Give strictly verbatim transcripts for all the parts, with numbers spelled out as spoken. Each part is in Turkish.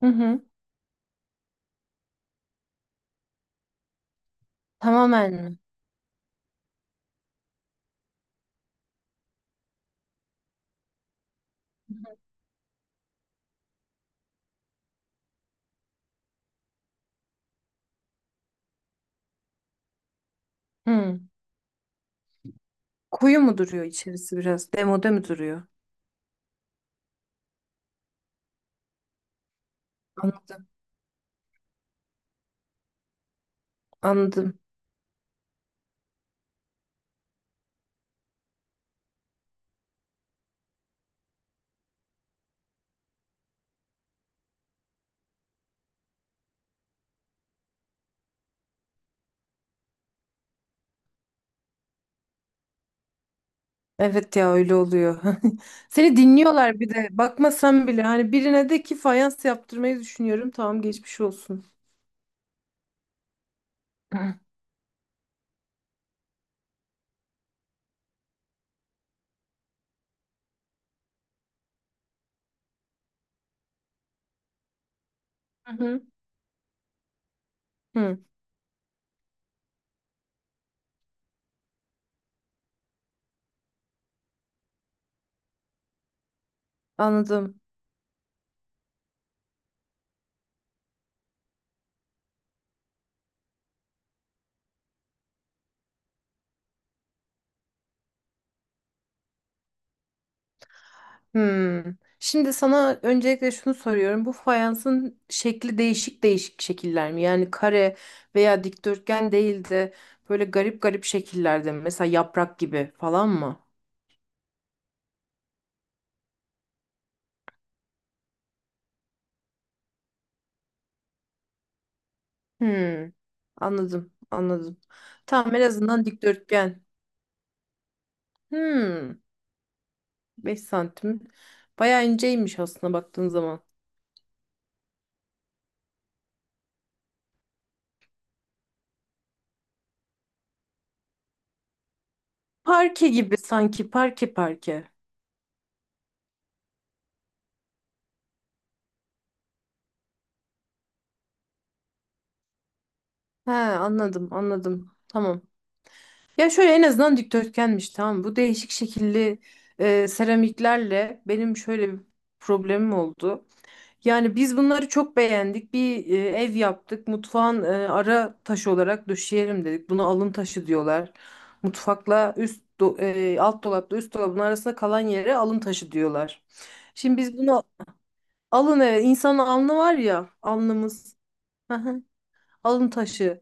Hı hı. Tamamen mi? Hı hı. Koyu mu duruyor içerisi biraz? Demode mi duruyor? Anladım. Anladım. Evet ya öyle oluyor. Seni dinliyorlar bir de. Bakmasan bile hani birine de ki fayans yaptırmayı düşünüyorum. Tamam, geçmiş olsun. Hı hı. Hı. Anladım. Hı. Şimdi sana öncelikle şunu soruyorum. Bu fayansın şekli değişik değişik şekiller mi? Yani kare veya dikdörtgen değil de böyle garip garip şekillerde mi? Mesela yaprak gibi falan mı? Hmm, anladım, anladım. Tamam, en azından dikdörtgen. Hmm, beş santim. Bayağı inceymiş aslında baktığın zaman. Parke gibi sanki, parke parke. He, anladım, anladım. Tamam. Ya şöyle, en azından dikdörtgenmiş, tamam. Bu değişik şekilli e, seramiklerle benim şöyle bir problemim oldu. Yani biz bunları çok beğendik. Bir e, ev yaptık. Mutfağın e, ara taşı olarak döşeyelim dedik. Buna alın taşı diyorlar. Mutfakla üst do- e, alt dolapla üst dolabın arasında kalan yere alın taşı diyorlar. Şimdi biz bunu alın, evet, insanın alnı var ya, alnımız. Alın taşı.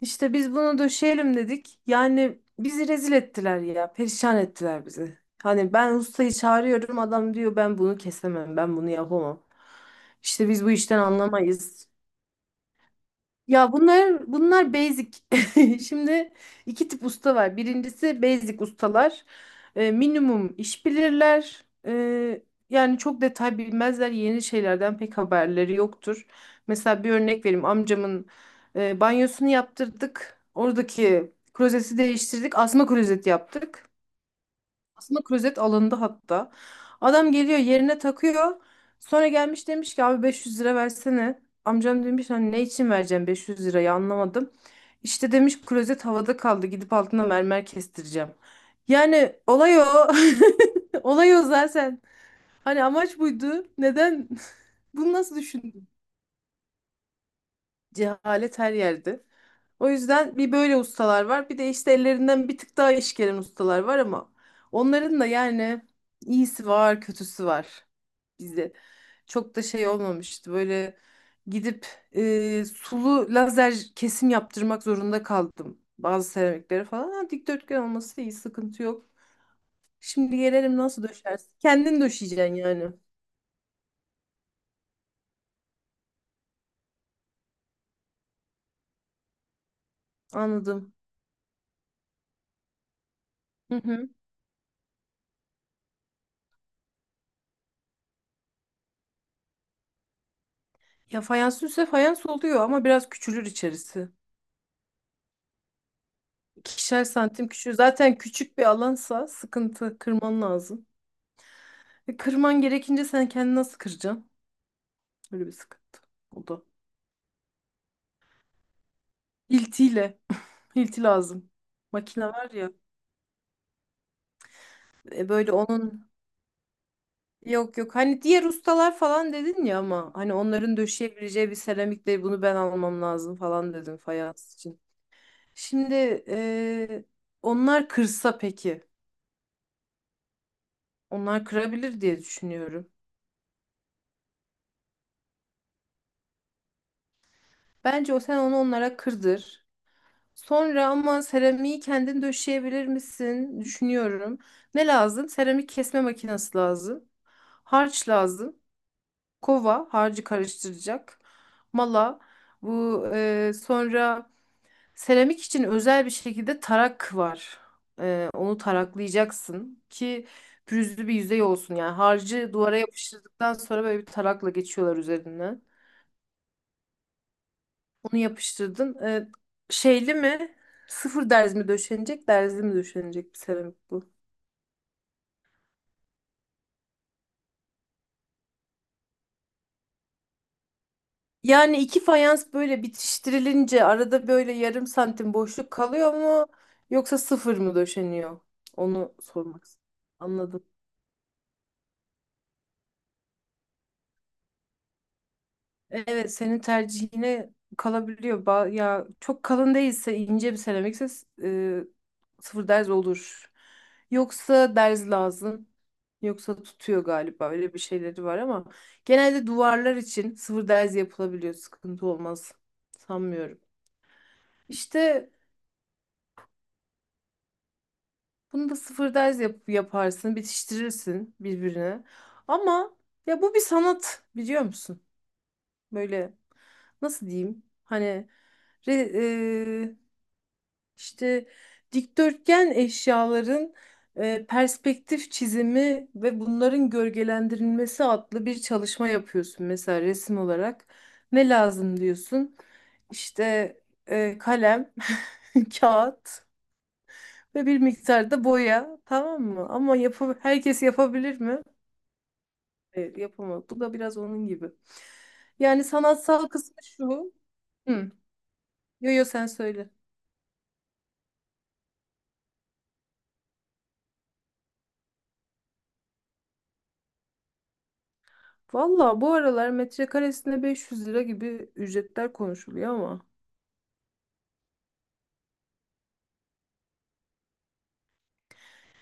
İşte biz bunu döşeyelim dedik. Yani bizi rezil ettiler ya. Perişan ettiler bizi. Hani ben ustayı çağırıyorum, adam diyor ben bunu kesemem, ben bunu yapamam. İşte biz bu işten anlamayız. Ya bunlar bunlar basic. Şimdi iki tip usta var. Birincisi basic ustalar. E, minimum iş bilirler. E, yani çok detay bilmezler. Yeni şeylerden pek haberleri yoktur. Mesela bir örnek vereyim. Amcamın e, banyosunu yaptırdık. Oradaki klozeti değiştirdik. Asma klozet yaptık. Aslında klozet alındı hatta. Adam geliyor yerine takıyor. Sonra gelmiş, demiş ki abi beş yüz lira versene. Amcam demiş hani ne için vereceğim beş yüz lirayı anlamadım. İşte demiş klozet havada kaldı, gidip altına mermer kestireceğim. Yani olay o. Olay o zaten. Hani amaç buydu. Neden? Bunu nasıl düşündün? Cehalet her yerde. O yüzden bir böyle ustalar var. Bir de işte ellerinden bir tık daha iş gelen ustalar var ama onların da yani iyisi var, kötüsü var bizde. Çok da şey olmamıştı. Böyle gidip e, sulu lazer kesim yaptırmak zorunda kaldım. Bazı seramiklere falan. Ha, dikdörtgen olması iyi, sıkıntı yok. Şimdi gelelim, nasıl döşersin? Kendin döşeyeceksin yani. Anladım. Hı hı. Ya fayans ise fayans oluyor ama biraz küçülür içerisi. İkişer santim küçüğü. Zaten küçük bir alansa sıkıntı, kırman lazım. E, kırman gerekince sen kendini nasıl kıracaksın? Öyle bir sıkıntı. O da. Hiltiyle. Hilti lazım. Makine var ya. e, böyle onun, yok yok. Hani diğer ustalar falan dedin ya ama hani onların döşeyebileceği bir seramikle bunu ben almam lazım falan dedim fayans için. Şimdi e, onlar kırsa peki. Onlar kırabilir diye düşünüyorum. Bence o, sen onu onlara kırdır. Sonra ama seramiği kendin döşeyebilir misin? Düşünüyorum. Ne lazım? Seramik kesme makinesi lazım. Harç lazım. Kova, harcı karıştıracak. Mala. Bu e, sonra, seramik için özel bir şekilde tarak var. E, onu taraklayacaksın ki pürüzlü bir yüzey olsun. Yani harcı duvara yapıştırdıktan sonra böyle bir tarakla geçiyorlar üzerine. Onu yapıştırdın. Ee, şeyli mi? Sıfır derz mi döşenecek, derzli mi döşenecek bir seramik bu? Yani iki fayans böyle bitiştirilince arada böyle yarım santim boşluk kalıyor mu? Yoksa sıfır mı döşeniyor? Onu sormak istedim. Anladım. Evet, senin tercihine kalabiliyor. Ba- ya çok kalın değilse, ince bir seramikse e, sıfır derz olur. Yoksa derz lazım. Yoksa tutuyor galiba, öyle bir şeyleri var ama genelde duvarlar için sıfır derz yapılabiliyor. Sıkıntı olmaz. Sanmıyorum. İşte bunu da sıfır derz yap- yaparsın, bitiştirirsin birbirine. Ama ya bu bir sanat, biliyor musun? Böyle nasıl diyeyim? Hani Re, e, İşte dikdörtgen eşyaların e, perspektif çizimi ve bunların gölgelendirilmesi adlı bir çalışma yapıyorsun mesela, resim olarak. Ne lazım diyorsun? İşte e, kalem, kağıt ve bir miktar da boya, tamam mı? Ama yapı, herkes yapabilir mi? Evet, yapamaz. Bu da biraz onun gibi. Yani sanatsal kısmı şu. Hı. Yo yo, sen söyle. Valla bu aralar metrekaresine beş yüz lira gibi ücretler konuşuluyor ama.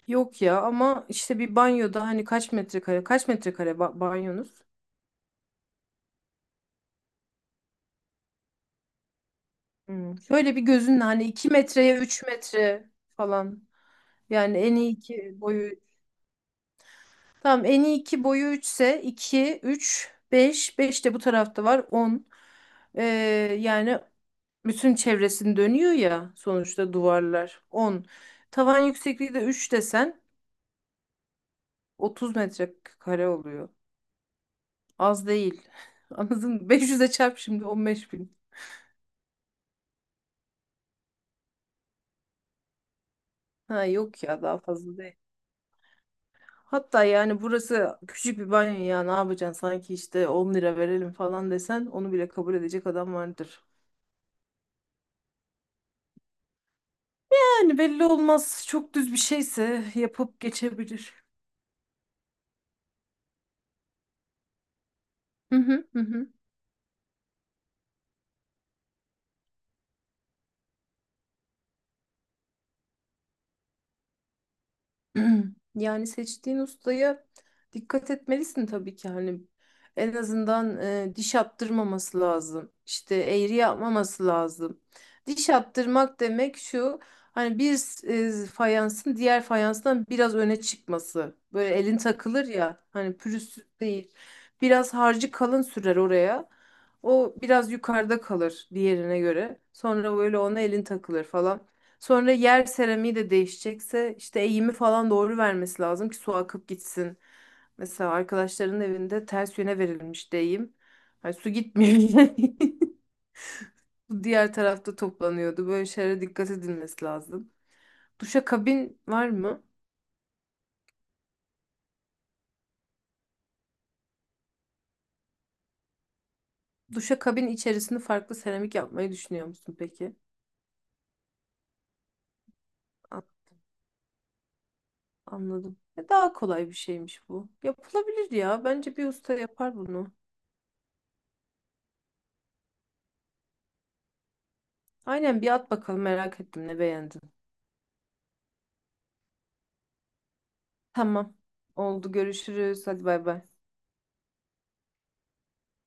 Yok ya, ama işte bir banyoda hani kaç metrekare, kaç metrekare ba- banyonuz? Hmm, şöyle bir gözünle hani iki metreye üç metre falan. Yani en iyi iki boyu. Tamam, en iyi iki boyu üçse, iki üç beş beş de bu tarafta var on. Ee, yani bütün çevresini dönüyor ya sonuçta, duvarlar on. Tavan yüksekliği de üç desen, otuz metrekare oluyor. Az değil. Anladın mı? beş yüze çarp şimdi, on beş bin. Ha yok ya, daha fazla değil. Hatta yani burası küçük bir banyo ya, ne yapacaksın, sanki işte on lira verelim falan desen onu bile kabul edecek adam vardır. Yani belli olmaz, çok düz bir şeyse yapıp geçebilir. Hı hı hı hı. Yani seçtiğin ustaya dikkat etmelisin tabii ki, hani en azından e, diş attırmaması lazım. İşte eğri yapmaması lazım. Diş attırmak demek şu, hani bir e, fayansın diğer fayanstan biraz öne çıkması. Böyle elin takılır ya, hani pürüzsüz değil. Biraz harcı kalın sürer oraya. O biraz yukarıda kalır diğerine göre. Sonra böyle ona elin takılır falan. Sonra yer seramiği de değişecekse işte eğimi falan doğru vermesi lazım ki su akıp gitsin. Mesela arkadaşların evinde ters yöne verilmiş de eğim. Hani su gitmiyor. Su diğer tarafta toplanıyordu. Böyle şeylere dikkat edilmesi lazım. Duşakabin var mı? Duşakabin içerisinde farklı seramik yapmayı düşünüyor musun peki? A- Anladım. E, Daha kolay bir şeymiş bu. Yapılabilir ya. Bence bir usta yapar bunu. Aynen, bir at bakalım, merak ettim ne beğendin. Tamam. Oldu. Görüşürüz. Hadi bay bay.